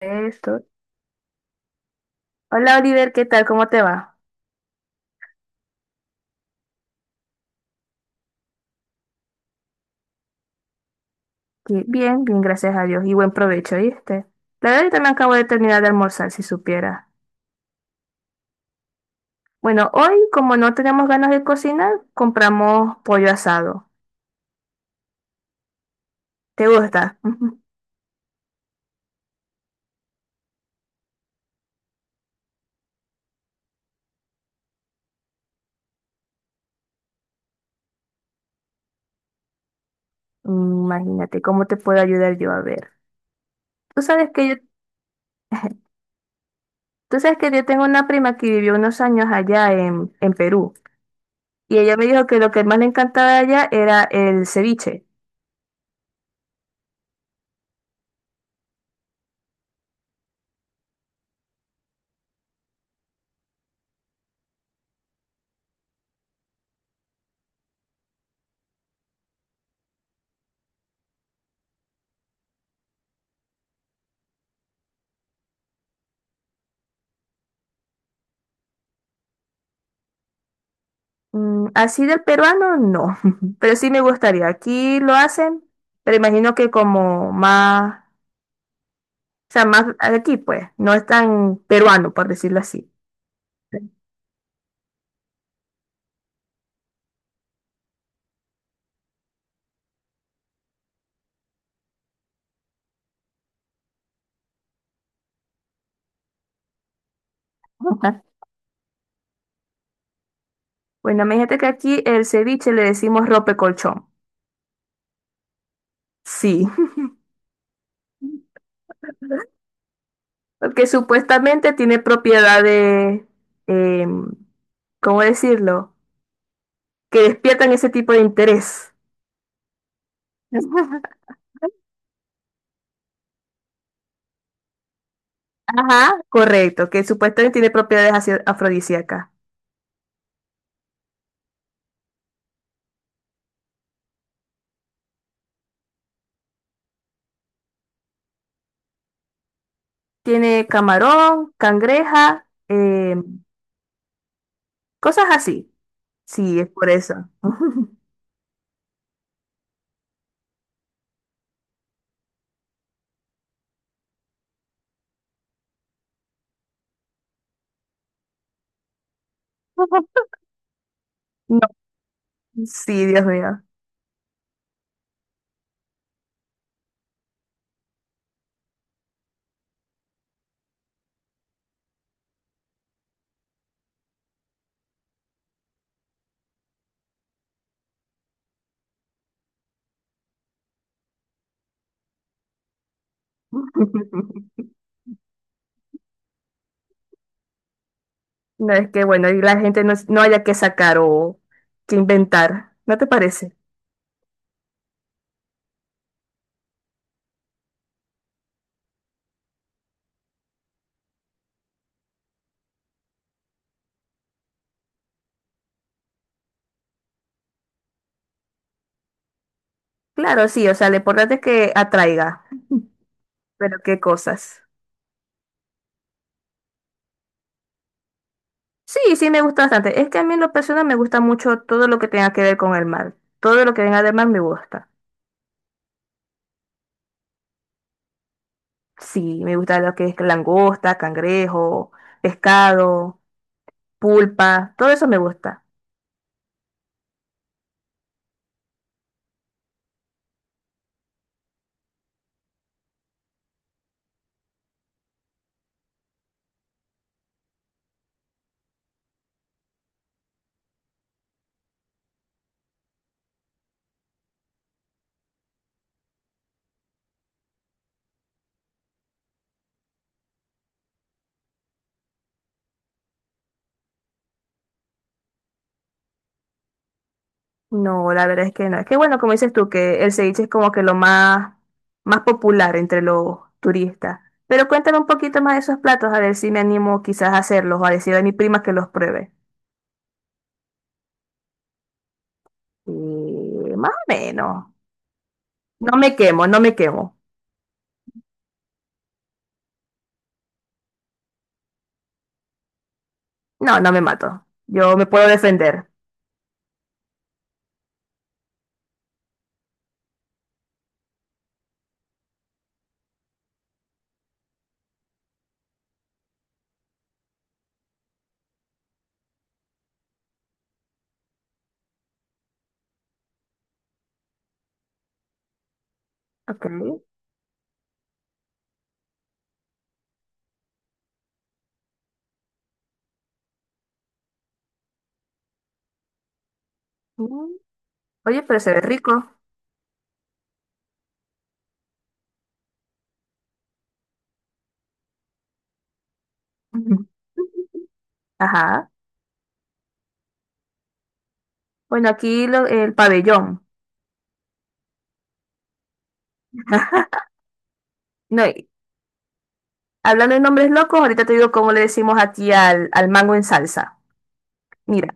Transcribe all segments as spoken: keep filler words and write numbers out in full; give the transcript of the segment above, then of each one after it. Esto. Hola Oliver, ¿qué tal? ¿Cómo te va? Sí, bien, bien, gracias a Dios, y buen provecho, ¿viste? La verdad, yo también acabo de terminar de almorzar, si supiera. Bueno, hoy, como no tenemos ganas de cocinar, compramos pollo asado. ¿Te gusta? Ujú. Imagínate, ¿cómo te puedo ayudar yo, a ver? Tú sabes que yo, tú sabes que yo tengo una prima que vivió unos años allá en, en Perú, y ella me dijo que lo que más le encantaba de allá era el ceviche. Mm, así del peruano, no, pero sí me gustaría. Aquí lo hacen, pero imagino que como más, o sea, más aquí, pues, no es tan peruano, por decirlo así. Ajá. Bueno, imagínate que aquí el ceviche le decimos rope colchón. Sí, porque supuestamente tiene propiedades, em, ¿cómo decirlo? Que despiertan ese tipo de interés. Ajá. Correcto, que supuestamente tiene propiedades así afrodisíacas. Tiene camarón, cangreja, eh, cosas así. Sí, es por eso. No, sí, Dios mío. No, es que, bueno, y la gente, no, no haya que sacar o que inventar. ¿No te parece? Claro, sí, o sea, lo importante es que atraiga. Pero qué cosas. Sí, sí, me gusta bastante. Es que a mí en lo personal me gusta mucho todo lo que tenga que ver con el mar. Todo lo que venga del mar me gusta. Sí, me gusta lo que es langosta, cangrejo, pescado, pulpa, todo eso me gusta. No, la verdad es que no. Es que bueno, como dices tú, que el ceviche es como que lo más, más popular entre los turistas. Pero cuéntame un poquito más de esos platos, a ver si me animo quizás a hacerlos o a decir a mi prima que los pruebe. Y más o menos. No me quemo, no me quemo. No, no me mato. Yo me puedo defender. Ok. Mm. Oye, pero se ve rico. Ajá. Bueno, aquí lo- el pabellón. No, y hablando de nombres locos, ahorita te digo cómo le decimos aquí al, al mango en salsa. Mira,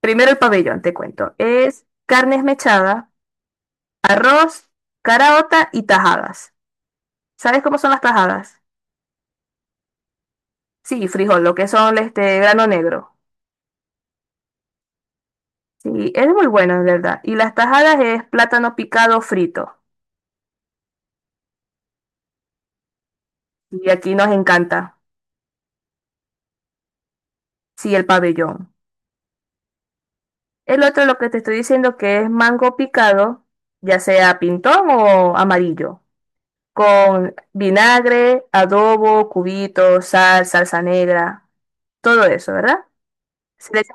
primero el pabellón, te cuento. Es carne esmechada, arroz, caraota y tajadas. ¿Sabes cómo son las tajadas? Sí, frijol, lo que son este grano negro. Sí, es muy bueno, en verdad. Y las tajadas es plátano picado frito. Y aquí nos encanta. Sí, el pabellón. El otro, lo que te estoy diciendo, que es mango picado, ya sea pintón o amarillo, con vinagre, adobo, cubitos, sal, salsa negra, todo eso, ¿verdad? Se le echa-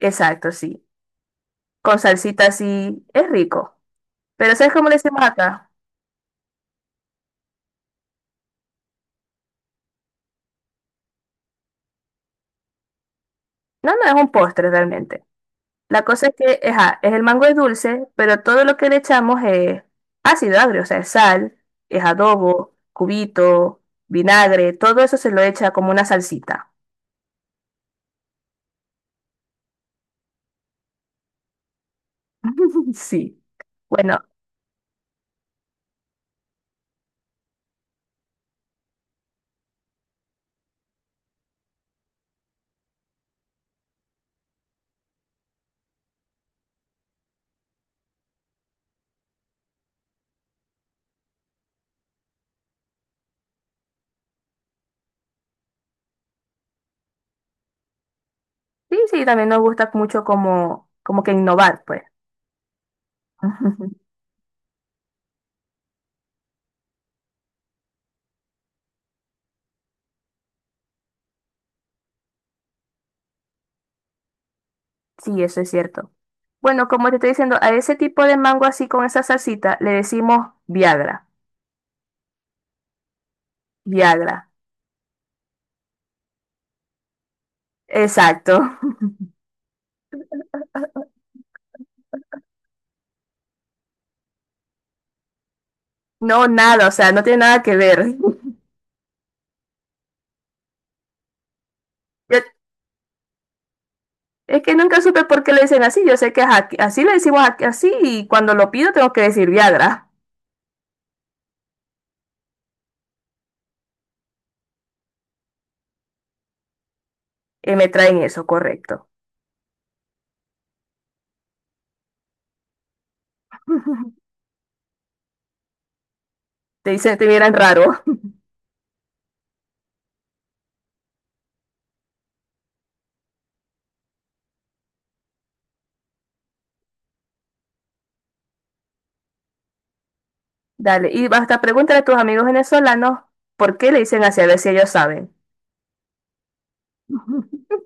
exacto, sí. Con salsita así, es rico. Pero ¿sabes cómo le decimos acá? No, no, es un postre realmente. La cosa es que, ajá, es, el mango es dulce, pero todo lo que le echamos es ácido agrio, o sea, es sal, es adobo, cubito, vinagre, todo eso se lo echa como una salsita. Sí. Bueno, sí, sí, también nos gusta mucho como, como que innovar, pues. Sí, eso es cierto. Bueno, como te estoy diciendo, a ese tipo de mango así con esa salsita le decimos Viagra. Viagra. Exacto. No, nada, o sea, no tiene nada que ver. Yo- es que nunca supe por qué le dicen así. Yo sé que es aquí- así le decimos aquí- así, y cuando lo pido tengo que decir Viagra. Y me traen eso, correcto. Te dicen, te miran raro. Dale, y hasta pregúntale a tus amigos venezolanos por qué le dicen así, a ver si ellos saben.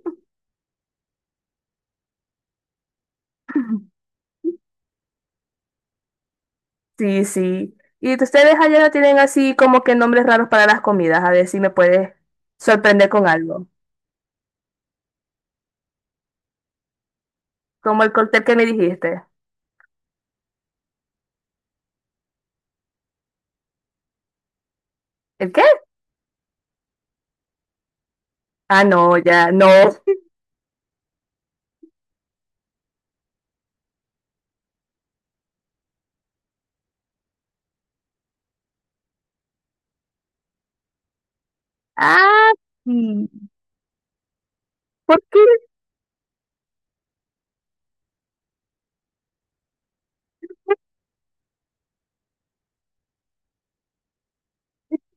Sí, sí. Y ustedes allá no tienen así como que nombres raros para las comidas, a ver si me puedes sorprender con algo. Como el cóctel que me dijiste. ¿El qué? Ah, no, ya, no. Ah, sí. ¿Por qué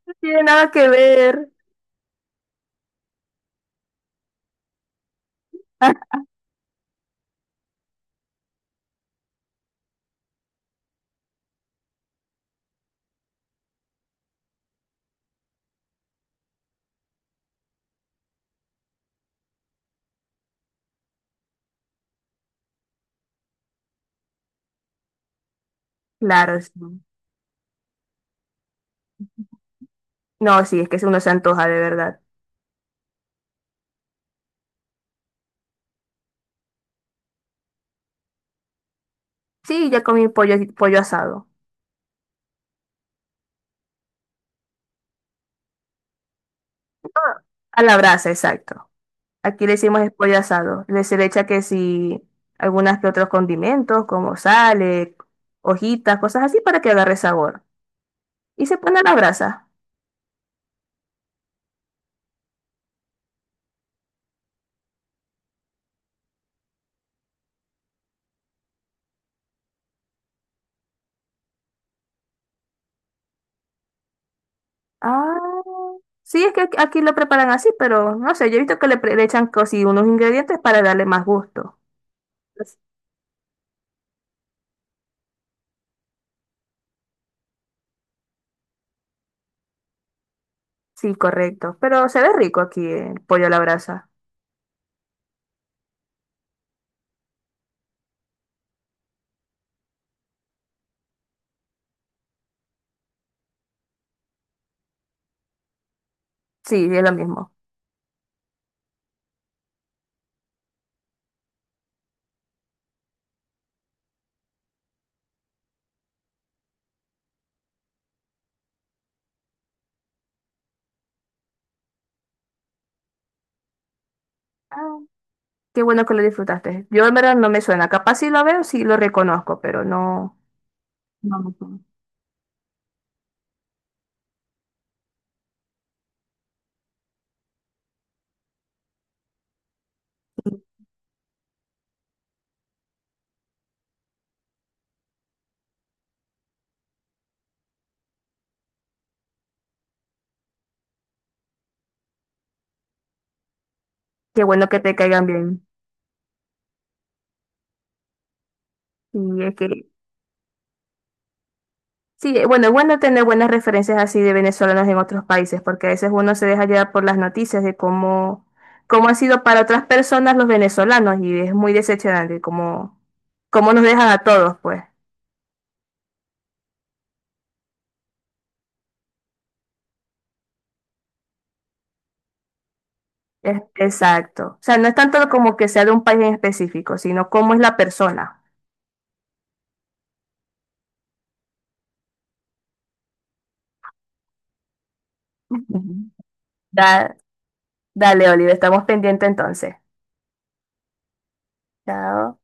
no tiene nada que ver? Ah, claro, sí. No, sí, es que uno se antoja de verdad. Sí, ya comí pollo, pollo asado. Ah, a la brasa, exacto. Aquí le decimos es pollo asado. Le se le echa que si algunas que otros condimentos, como sal, eh, hojitas, cosas así para que agarre sabor. Y se pone a la brasa. Ah, sí, es que aquí aquí lo preparan así, pero no sé, yo he visto que le, pre- le echan cosí unos ingredientes para darle más gusto. Pues, sí, correcto. Pero se ve rico aquí el pollo a la brasa. Sí, es lo mismo. Ah, qué bueno que lo disfrutaste. Yo en verdad no me suena. Capaz si lo veo, sí lo reconozco, pero no. No me suena. Qué bueno que te caigan bien. Y es que, sí, eh, bueno, es bueno tener buenas referencias así de venezolanos en otros países, porque a veces uno se deja llevar por las noticias de cómo, cómo han sido para otras personas los venezolanos y es muy decepcionante cómo, cómo nos dejan a todos, pues. Es- exacto. O sea, no es tanto como que sea de un país en específico, sino cómo es la persona. Ujú. Da- dale, Oliver, estamos pendientes entonces. Chao.